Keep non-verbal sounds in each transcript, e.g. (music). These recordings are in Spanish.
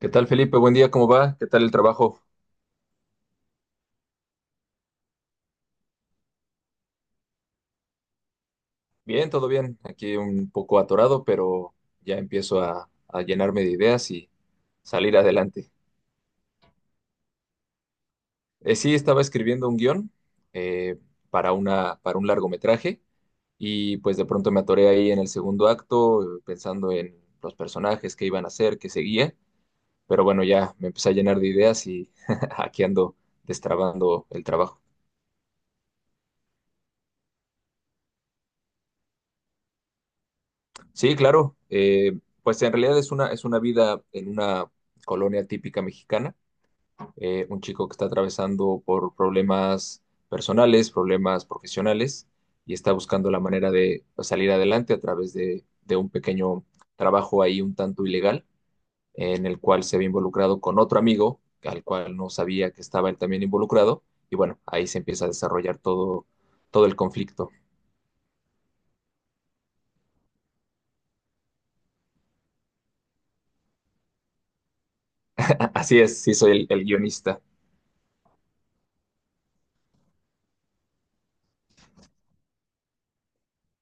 ¿Qué tal, Felipe? Buen día, ¿cómo va? ¿Qué tal el trabajo? Bien, todo bien. Aquí un poco atorado, pero ya empiezo a llenarme de ideas y salir adelante. Sí, estaba escribiendo un guión eh, para un largometraje y pues de pronto me atoré ahí en el segundo acto pensando en los personajes, qué iban a hacer, qué seguía. Pero bueno, ya me empecé a llenar de ideas y (laughs) aquí ando destrabando el trabajo. Sí, claro. Pues en realidad es una vida en una colonia típica mexicana. Un chico que está atravesando por problemas personales, problemas profesionales, y está buscando la manera de pues, salir adelante a través de un pequeño trabajo ahí un tanto ilegal, en el cual se ve involucrado con otro amigo, al cual no sabía que estaba él también involucrado. Y bueno, ahí se empieza a desarrollar todo el conflicto. (laughs) Así es, sí soy el guionista.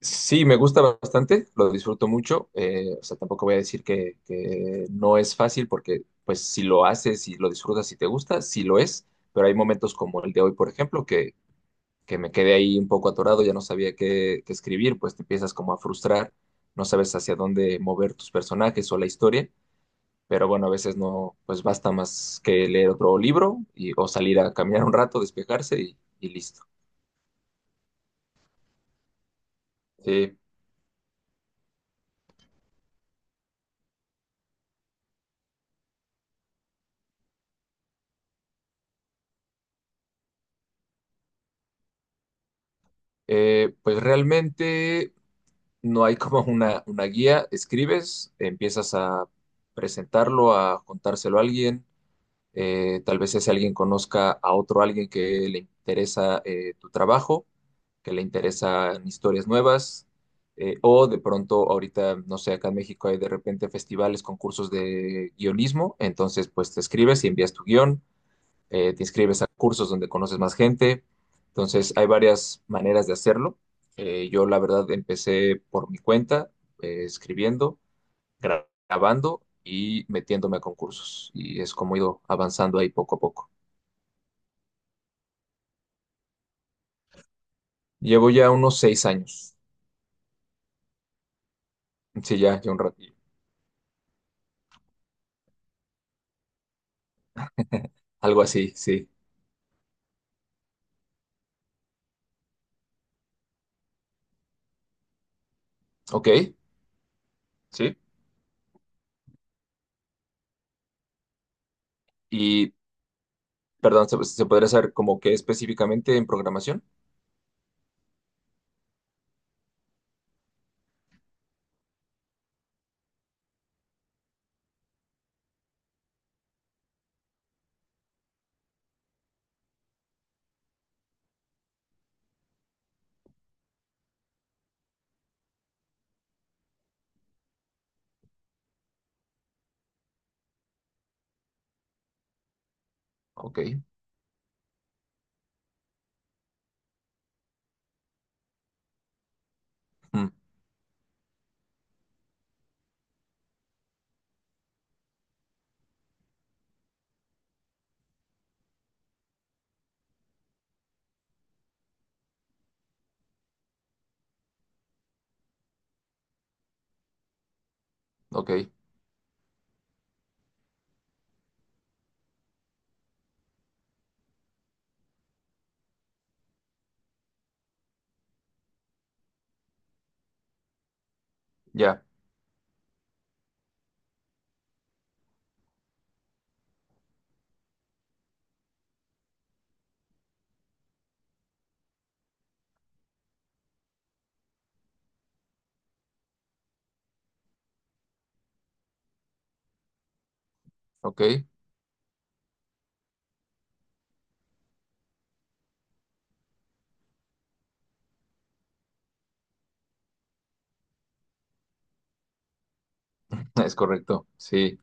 Sí, me gusta bastante, lo disfruto mucho. O sea, tampoco voy a decir que no es fácil porque, pues, si lo haces, si lo disfrutas, si te gusta, sí lo es. Pero hay momentos como el de hoy, por ejemplo, que me quedé ahí un poco atorado, ya no sabía qué escribir, pues te empiezas como a frustrar, no sabes hacia dónde mover tus personajes o la historia. Pero bueno, a veces no, pues basta más que leer otro libro y, o salir a caminar un rato, despejarse y listo. Sí. Pues realmente, no hay como una guía, escribes, empiezas a presentarlo, a contárselo a alguien, tal vez ese alguien conozca a otro alguien que le interesa tu trabajo, que le interesan historias nuevas, o de pronto ahorita, no sé, acá en México hay de repente festivales, concursos de guionismo, entonces pues te escribes y envías tu guión, te inscribes a cursos donde conoces más gente. Entonces, hay varias maneras de hacerlo. Yo, la verdad, empecé por mi cuenta, escribiendo, grabando y metiéndome a concursos. Y es como he ido avanzando ahí poco a poco. Llevo ya unos 6 años. Sí, ya, ya un ratillo. Algo así, sí. Ok, sí. Y, Perdón, ¿se podría saber como qué específicamente en programación? Ok. Mm. Ok. Ya. Ok. (laughs) Es correcto, sí.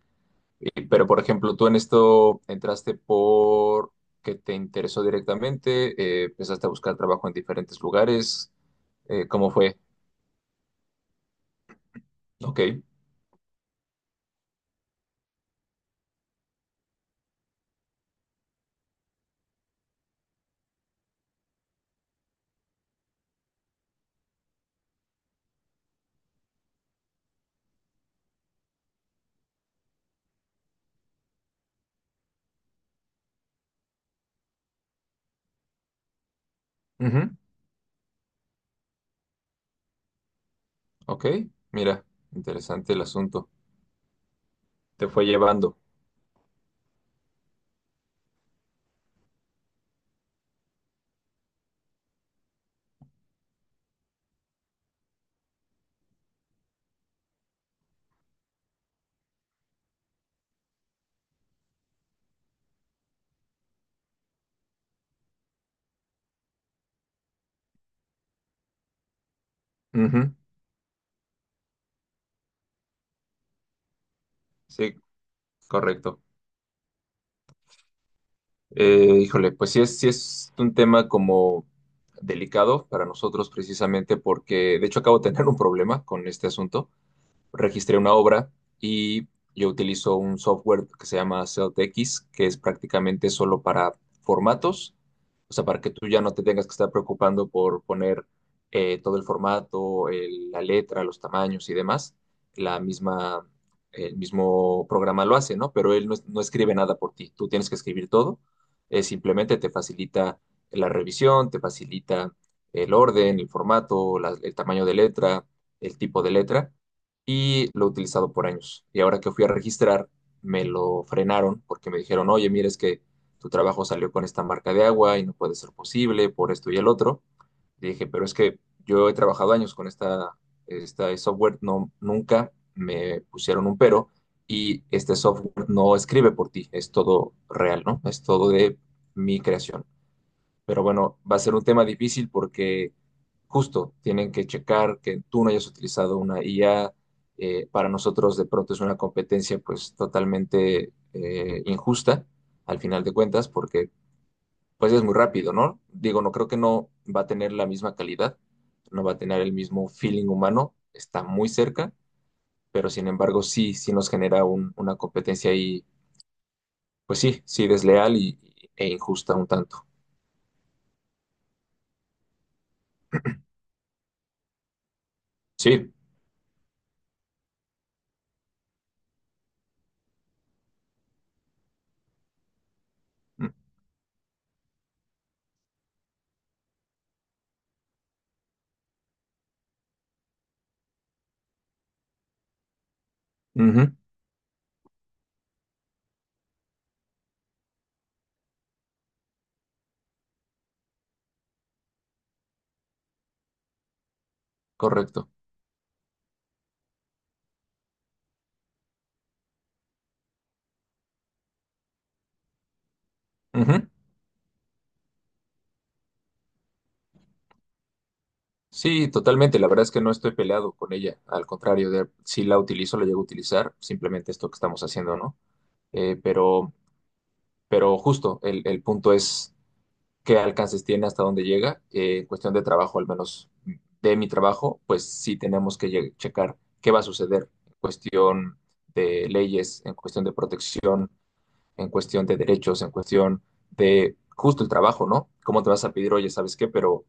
Pero, por ejemplo, tú en esto entraste por que te interesó directamente, empezaste a buscar trabajo en diferentes lugares. ¿Cómo fue? Ok. Ujú. Ok. Mira, interesante el asunto. Te fue llevando. Ujú. Sí, correcto. Híjole, pues sí es un tema como delicado para nosotros precisamente porque, de hecho, acabo de tener un problema con este asunto. Registré una obra y yo utilizo un software que se llama CeltX, que es prácticamente solo para formatos, o sea, para que tú ya no te tengas que estar preocupando por poner todo el formato, la letra, los tamaños y demás. La misma, el mismo programa lo hace, ¿no? Pero él no, no escribe nada por ti, tú tienes que escribir todo. Simplemente te facilita la revisión, te facilita el orden, el formato, el tamaño de letra, el tipo de letra y lo he utilizado por años. Y ahora que fui a registrar, me lo frenaron porque me dijeron, oye, mira, es que tu trabajo salió con esta marca de agua y no puede ser posible por esto y el otro. Y dije, pero es que yo he trabajado años con esta software, no, nunca me pusieron un pero y este software no escribe por ti, es todo real, ¿no? Es todo de mi creación. Pero bueno, va a ser un tema difícil porque justo tienen que checar que tú no hayas utilizado una IA. Para nosotros de pronto es una competencia pues totalmente injusta al final de cuentas porque pues es muy rápido, ¿no? Digo, no creo que no va a tener la misma calidad, no va a tener el mismo feeling humano, está muy cerca, pero sin embargo sí, sí nos genera una competencia ahí, pues sí, sí desleal e injusta un tanto. Sí. Mm. Ujú. Correcto. Ujú. Sí, totalmente. La verdad es que no estoy peleado con ella. Al contrario, si la utilizo, la llego a utilizar. Simplemente esto que estamos haciendo, ¿no? Eh, pero, pero justo, el punto es qué alcances tiene, hasta dónde llega. En cuestión de trabajo, al menos de mi trabajo, pues sí tenemos que checar qué va a suceder en cuestión de leyes, en cuestión de protección, en cuestión de derechos, en cuestión de justo el trabajo, ¿no? ¿Cómo te vas a pedir, oye, ¿sabes qué? Pero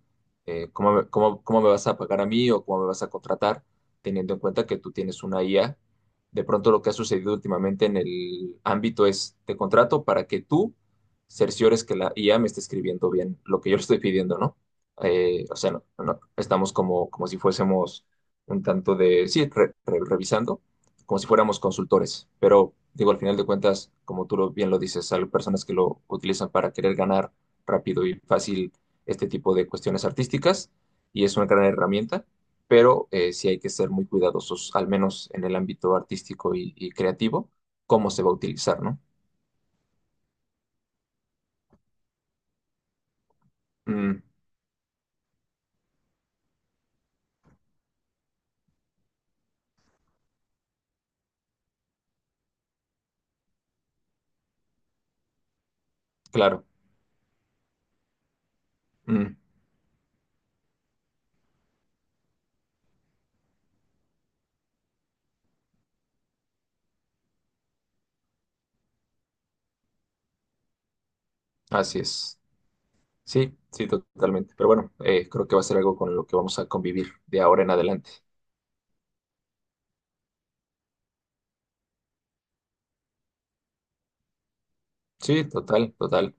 ¿cómo me vas a pagar a mí o cómo me vas a contratar, teniendo en cuenta que tú tienes una IA? De pronto lo que ha sucedido últimamente en el ámbito es, te contrato para que tú cerciores que la IA me esté escribiendo bien lo que yo le estoy pidiendo, ¿no? O sea, no, no, estamos como si fuésemos un tanto de, sí, revisando como si fuéramos consultores, pero digo, al final de cuentas, como tú bien lo dices, hay personas que lo utilizan para querer ganar rápido y fácil este tipo de cuestiones artísticas y es una gran herramienta, pero sí hay que ser muy cuidadosos, al menos en el ámbito artístico y creativo, cómo se va a utilizar, ¿no? Mm. Claro. Mm. Así es. Sí, sí, totalmente. Pero bueno, creo que va a ser algo con lo que vamos a convivir de ahora en adelante. Sí, total, total.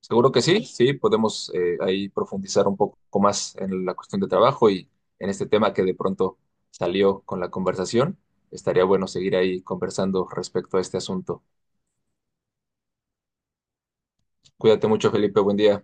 Seguro que sí, sí, podemos ahí profundizar un poco más en la cuestión de trabajo y en este tema que de pronto salió con la conversación. Estaría bueno seguir ahí conversando respecto a este asunto. Cuídate mucho, Felipe, buen día.